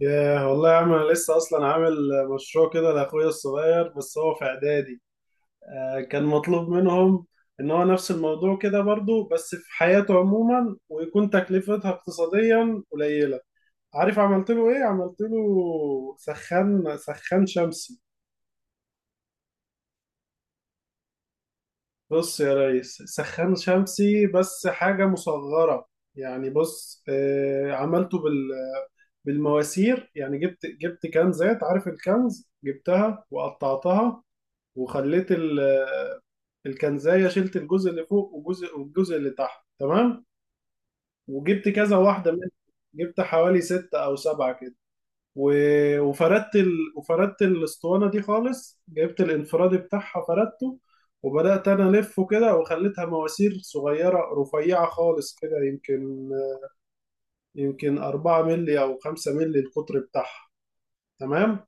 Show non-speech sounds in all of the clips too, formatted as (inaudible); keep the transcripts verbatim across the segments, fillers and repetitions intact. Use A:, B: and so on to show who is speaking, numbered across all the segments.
A: ياه والله يا عم انا لسه اصلا عامل مشروع كده لاخويا الصغير، بس هو في اعدادي. آه، كان مطلوب منهم ان هو نفس الموضوع كده برضو بس في حياته عموما، ويكون تكلفتها اقتصاديا قليلة. عارف عملت له ايه؟ عملت له سخان سخان شمسي. بص يا ريس، سخان شمسي بس حاجة مصغرة. يعني بص، آه، عملته بال بالمواسير. يعني جبت جبت كنزات، عارف الكنز؟ جبتها وقطعتها وخليت ال- الكنزايه، شلت الجزء اللي فوق وجزء، والجزء اللي تحت، تمام؟ وجبت كذا واحده منهم. جبت حوالي ستة او سبعة كده. و- وفردت ال... وفردت الاسطوانه دي خالص، جبت الانفرادي بتاعها فردته، وبدات انا الفه كده وخليتها مواسير صغيره رفيعه خالص كده. يمكن يمكن أربعة مللي او خمسة مللي القطر بتاعها، تمام؟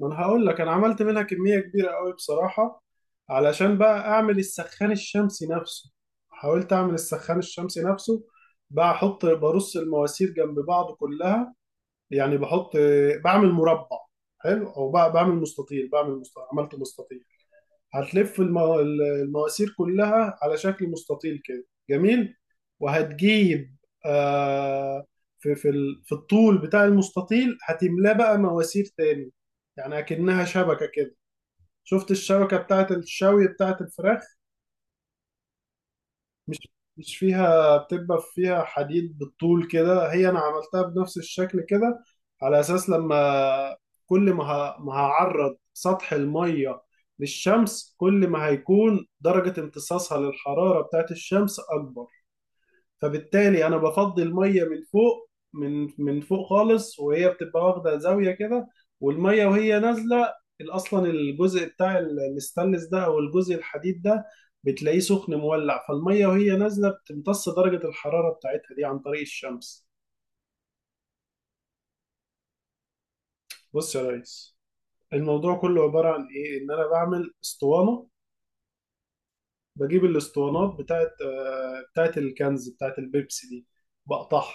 A: ما انا هقول لك، انا عملت منها كميه كبيره قوي بصراحه، علشان بقى اعمل السخان الشمسي نفسه. حاولت اعمل السخان الشمسي نفسه. بقى احط برص المواسير جنب بعض كلها. يعني بحط بعمل مربع، حلو، او بقى بعمل مستطيل بعمل مستطيل، عملته مستطيل. هتلف المو... المواسير كلها على شكل مستطيل كده، جميل. وهتجيب، آه، في في ال... في الطول بتاع المستطيل، هتملاه بقى مواسير تاني، يعني اكنها شبكة كده. شفت الشبكة بتاعت الشوي بتاعت الفراخ؟ مش مش فيها بتبقى فيها حديد بالطول كده، هي انا عملتها بنفس الشكل كده، على اساس لما، كل ما ه- ما هعرض سطح المية للشمس، كل ما هيكون درجة امتصاصها للحرارة بتاعت الشمس اكبر. فبالتالي انا بفضي الميه من فوق، من من فوق خالص، وهي بتبقى واخده زاويه كده. والميه وهي نازله، ال- اصلا الجزء بتاع ال- الستانلس ده او الجزء الحديد ده بتلاقيه سخن مولع، فالميه وهي نازله بتمتص درجه الحراره بتاعتها دي عن طريق الشمس. بص يا ريس، الموضوع كله عباره عن ايه؟ ان انا بعمل اسطوانه، بجيب الاسطوانات بتاعت، آه، بتاعت الكنز بتاعت البيبسي دي، بقطعها،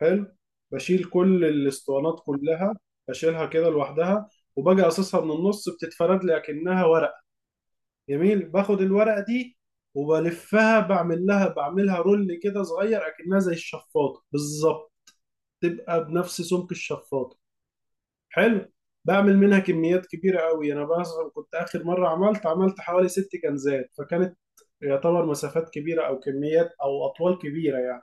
A: حلو. بشيل كل الاسطوانات كلها، بشيلها كده لوحدها، وباجي قاصصها من النص، بتتفرد لي اكنها ورقه، جميل. باخد الورقه دي وبلفها، بعمل لها بعملها رول كده صغير اكنها زي الشفاطه بالظبط، تبقى بنفس سمك الشفاطه، حلو. بعمل منها كميات كبيرة قوي. أنا مثلا كنت آخر مرة عملت عملت حوالي ست كنزات، فكانت يعتبر مسافات كبيرة أو كميات أو أطوال كبيرة يعني.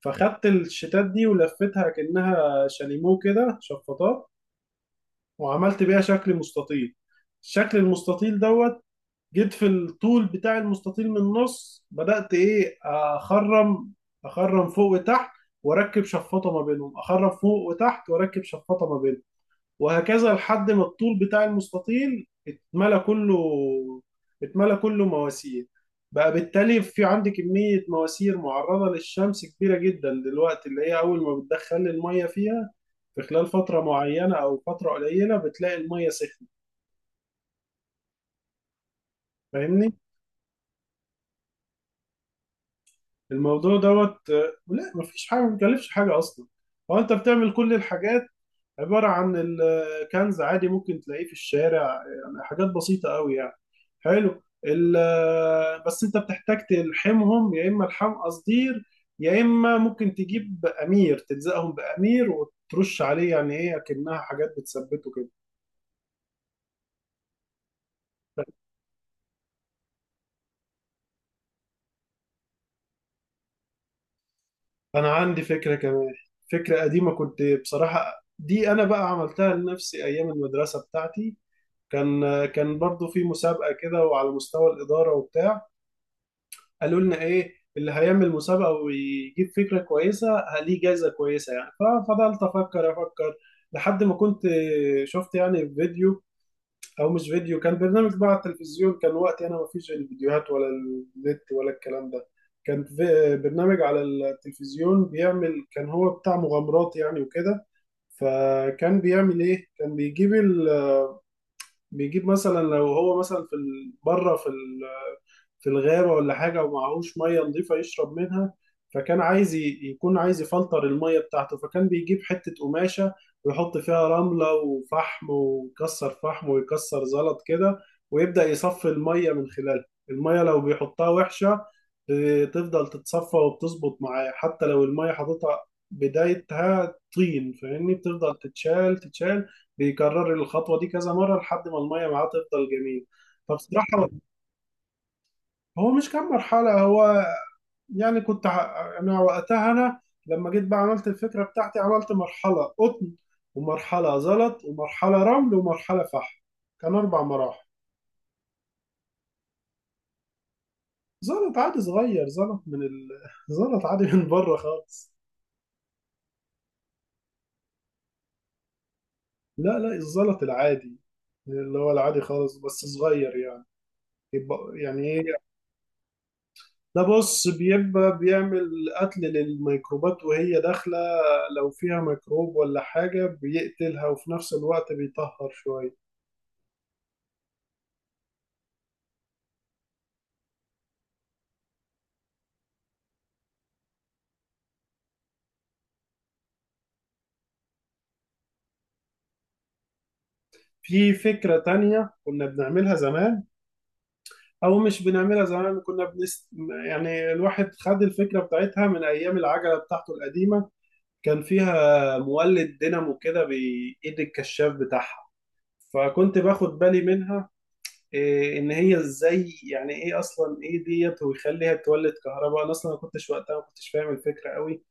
A: فخدت الشتات دي ولفتها كأنها شاليمو كده، شفاطات، وعملت بيها شكل مستطيل، الشكل المستطيل دوت. جيت في الطول بتاع المستطيل من النص، بدأت إيه؟ أخرم، أخرم فوق وتحت وأركب شفاطة ما بينهم، أخرم فوق وتحت وأركب شفاطة ما بينهم، وهكذا لحد ما الطول بتاع المستطيل اتملى كله، اتملى كله مواسير. بقى بالتالي في عندي كمية مواسير معرضة للشمس كبيرة جدا دلوقتي، اللي هي أول ما بتدخل المية فيها في خلال فترة معينة أو فترة قليلة بتلاقي المية سخنة. فاهمني؟ الموضوع دوت، لا مفيش حاجة، مبيكلفش حاجة أصلا، هو أنت بتعمل كل الحاجات. عبارة عن الكنز عادي ممكن تلاقيه في الشارع، يعني حاجات بسيطة قوي يعني. حلو. ال- بس انت بتحتاج تلحمهم يا اما لحام قصدير، يا اما ممكن تجيب امير تلزقهم بامير وترش عليه، يعني ايه، اكنها حاجات بتثبته كده. انا عندي فكرة كمان، فكرة قديمة، كنت بصراحة دي انا بقى عملتها لنفسي ايام المدرسة بتاعتي. كان كان برضو في مسابقة كده، وعلى مستوى الإدارة وبتاع. قالوا لنا ايه اللي هيعمل مسابقه ويجيب فكره كويسه، ليه جايزه كويسه يعني. ففضلت افكر افكر لحد ما كنت شفت يعني فيديو، او مش فيديو، كان برنامج بقى على التلفزيون. كان وقتي انا ما فيش الفيديوهات ولا النت ولا الكلام ده. كان في برنامج على التلفزيون بيعمل، كان هو بتاع مغامرات يعني وكده. فكان بيعمل ايه؟ كان بيجيب ال... بيجيب مثلا، لو هو مثلا في ال... بره في ال... في الغابة ولا حاجة، ومعهوش مية نظيفة يشرب منها، فكان عايز ي- يكون عايز يفلتر المية بتاعته. فكان بيجيب حتة قماشة ويحط فيها رملة وفحم، ويكسر فحم ويكسر زلط كده، ويبدأ يصفي المية من خلالها. المية لو بيحطها وحشة ت- تفضل تتصفى وبتظبط معاه، حتى لو المية حاططها بدايتها طين فاهمني، بتفضل تتشال تتشال. بيكرر الخطوة دي كذا مرة لحد ما المية معاه تفضل جميل. فبصراحة هو مش كان مرحلة هو يعني كنت ع- أنا وقتها أنا، لما جيت بقى عملت الفكرة بتاعتي، عملت مرحلة قطن، ومرحلة زلط، ومرحلة رمل، ومرحلة فحم. كان أربع مراحل. زلط عادي صغير، زلط من ال... (laughs) زلط عادي من بره خالص. لا لا، الزلط العادي، اللي هو العادي خالص بس صغير يعني. يبقى يعني إيه؟ ده بص، بيبقى بيعمل قتل للميكروبات وهي داخلة. لو فيها ميكروب ولا حاجة بيقتلها، وفي نفس الوقت بيطهر شوية. في فكرة تانية كنا بنعملها زمان، أو مش بنعملها زمان كنا بنست... يعني الواحد خد الفكرة بتاعتها من أيام العجلة بتاعته القديمة. كان فيها مولد دينامو كده بإيد الكشاف بتاعها، فكنت باخد بالي منها إيه ان هي ازاي يعني، ايه اصلا ايه ديت ويخليها تولد كهرباء. انا اصلا ما كنتش وقتها ما كنتش فاهم الفكره قوي.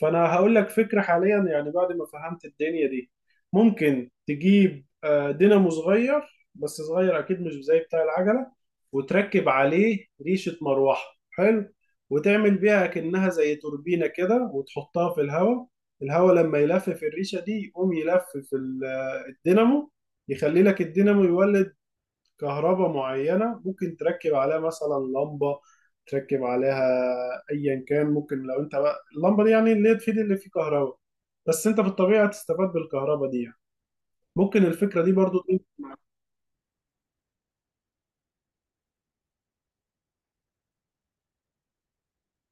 A: فانا هقول لك فكره حاليا يعني بعد ما فهمت الدنيا دي. ممكن تجيب، آه، دينامو صغير، بس صغير اكيد مش زي بتاع العجله، وتركب عليه ريشه مروحه، حلو، وتعمل بيها كأنها زي توربينه كده وتحطها في الهواء. الهواء لما يلفف الريشه دي، يقوم يلفف ال- آه، الدينامو، يخلي لك الدينامو يولد كهرباء معينة. ممكن تركب عليها مثلا لمبة، تركب عليها أيا كان، ممكن لو أنت بقى اللمبة دي يعني اللي هي تفيد اللي فيه كهرباء، بس أنت في الطبيعة تستفاد بالكهرباء دي يعني. ممكن الفكرة دي برضو إيه؟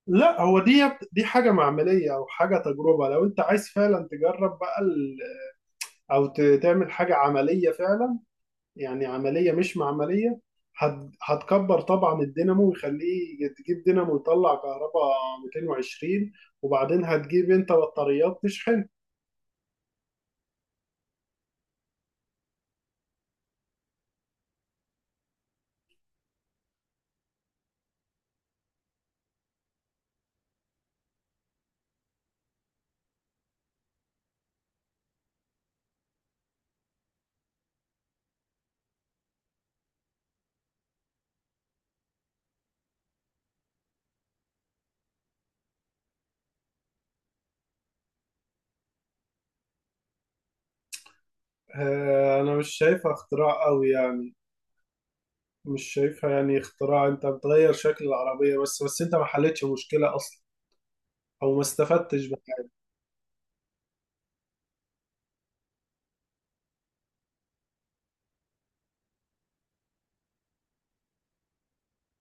A: لا، هو دي دي حاجة معملية أو حاجة تجربة. لو أنت عايز فعلا تجرب بقى ال... أو ت- تعمل حاجة عملية فعلا، يعني عمليه مش معمليه، هت- هتكبر طبعا الدينامو، ويخليه تجيب دينامو يطلع كهرباء مية تلاتين فولت، وبعدين هتجيب انت بطاريات تشحن. آه، انا مش شايفها اختراع قوي يعني. مش شايفها يعني اختراع، انت بتغير شكل العربيه بس، بس انت ما حلتش مشكله اصلا، او ما استفدتش بقى.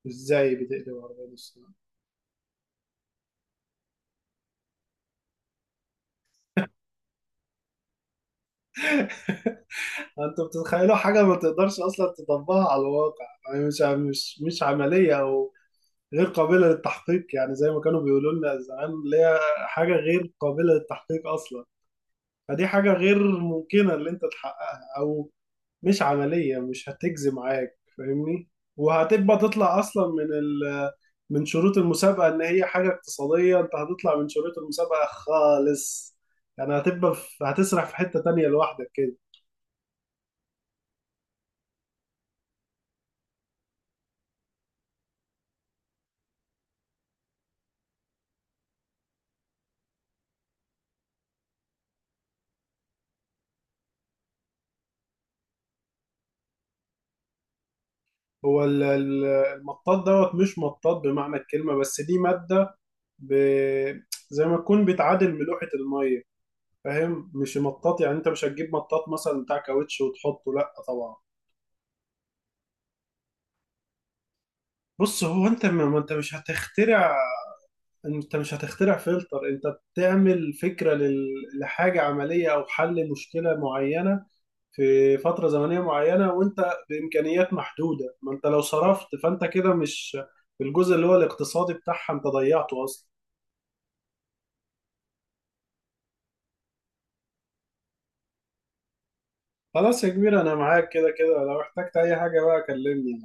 A: ازاي بتقلب عربيه نص نقل؟ انت بتتخيلوا حاجه ما تقدرش اصلا تطبقها على الواقع يعني، مش مش مش عمليه، غير قابلة للتحقيق، يعني زي ما كانوا بيقولوا لنا زمان، اللي هي حاجة غير قابلة للتحقيق أصلا. فدي حاجة غير ممكنة اللي أنت تحققها، أو مش عملية، مش هتجزي معاك فاهمني. وهتبقى تطلع أصلا من ال من شروط المسابقة، إن هي حاجة اقتصادية، أنت هتطلع من شروط المسابقة خالص. يعني هتبقى في، هتسرح في حتة تانية لوحدك كده. هو ال- ال- المطاط دوت مش مطاط بمعنى الكلمة، بس دي مادة، ب... زي ما تكون بتعادل ملوحة المية، فاهم؟ مش مطاط يعني، انت مش هتجيب مطاط مثلا بتاع كاوتش وتحطه، لا طبعا. بص، هو انت ما ما انت مش هتخترع، انت مش هتخترع فلتر، انت بتعمل فكرة لل... لحاجة عملية او حل مشكلة معينة في فترة زمنية معينة، وانت بامكانيات محدودة. ما انت لو صرفت فانت كده مش، الجزء اللي هو الاقتصادي بتاعها انت ضيعته اصلا. خلاص يا كبير، انا معاك كده كده، لو احتجت اي حاجة بقى كلمني.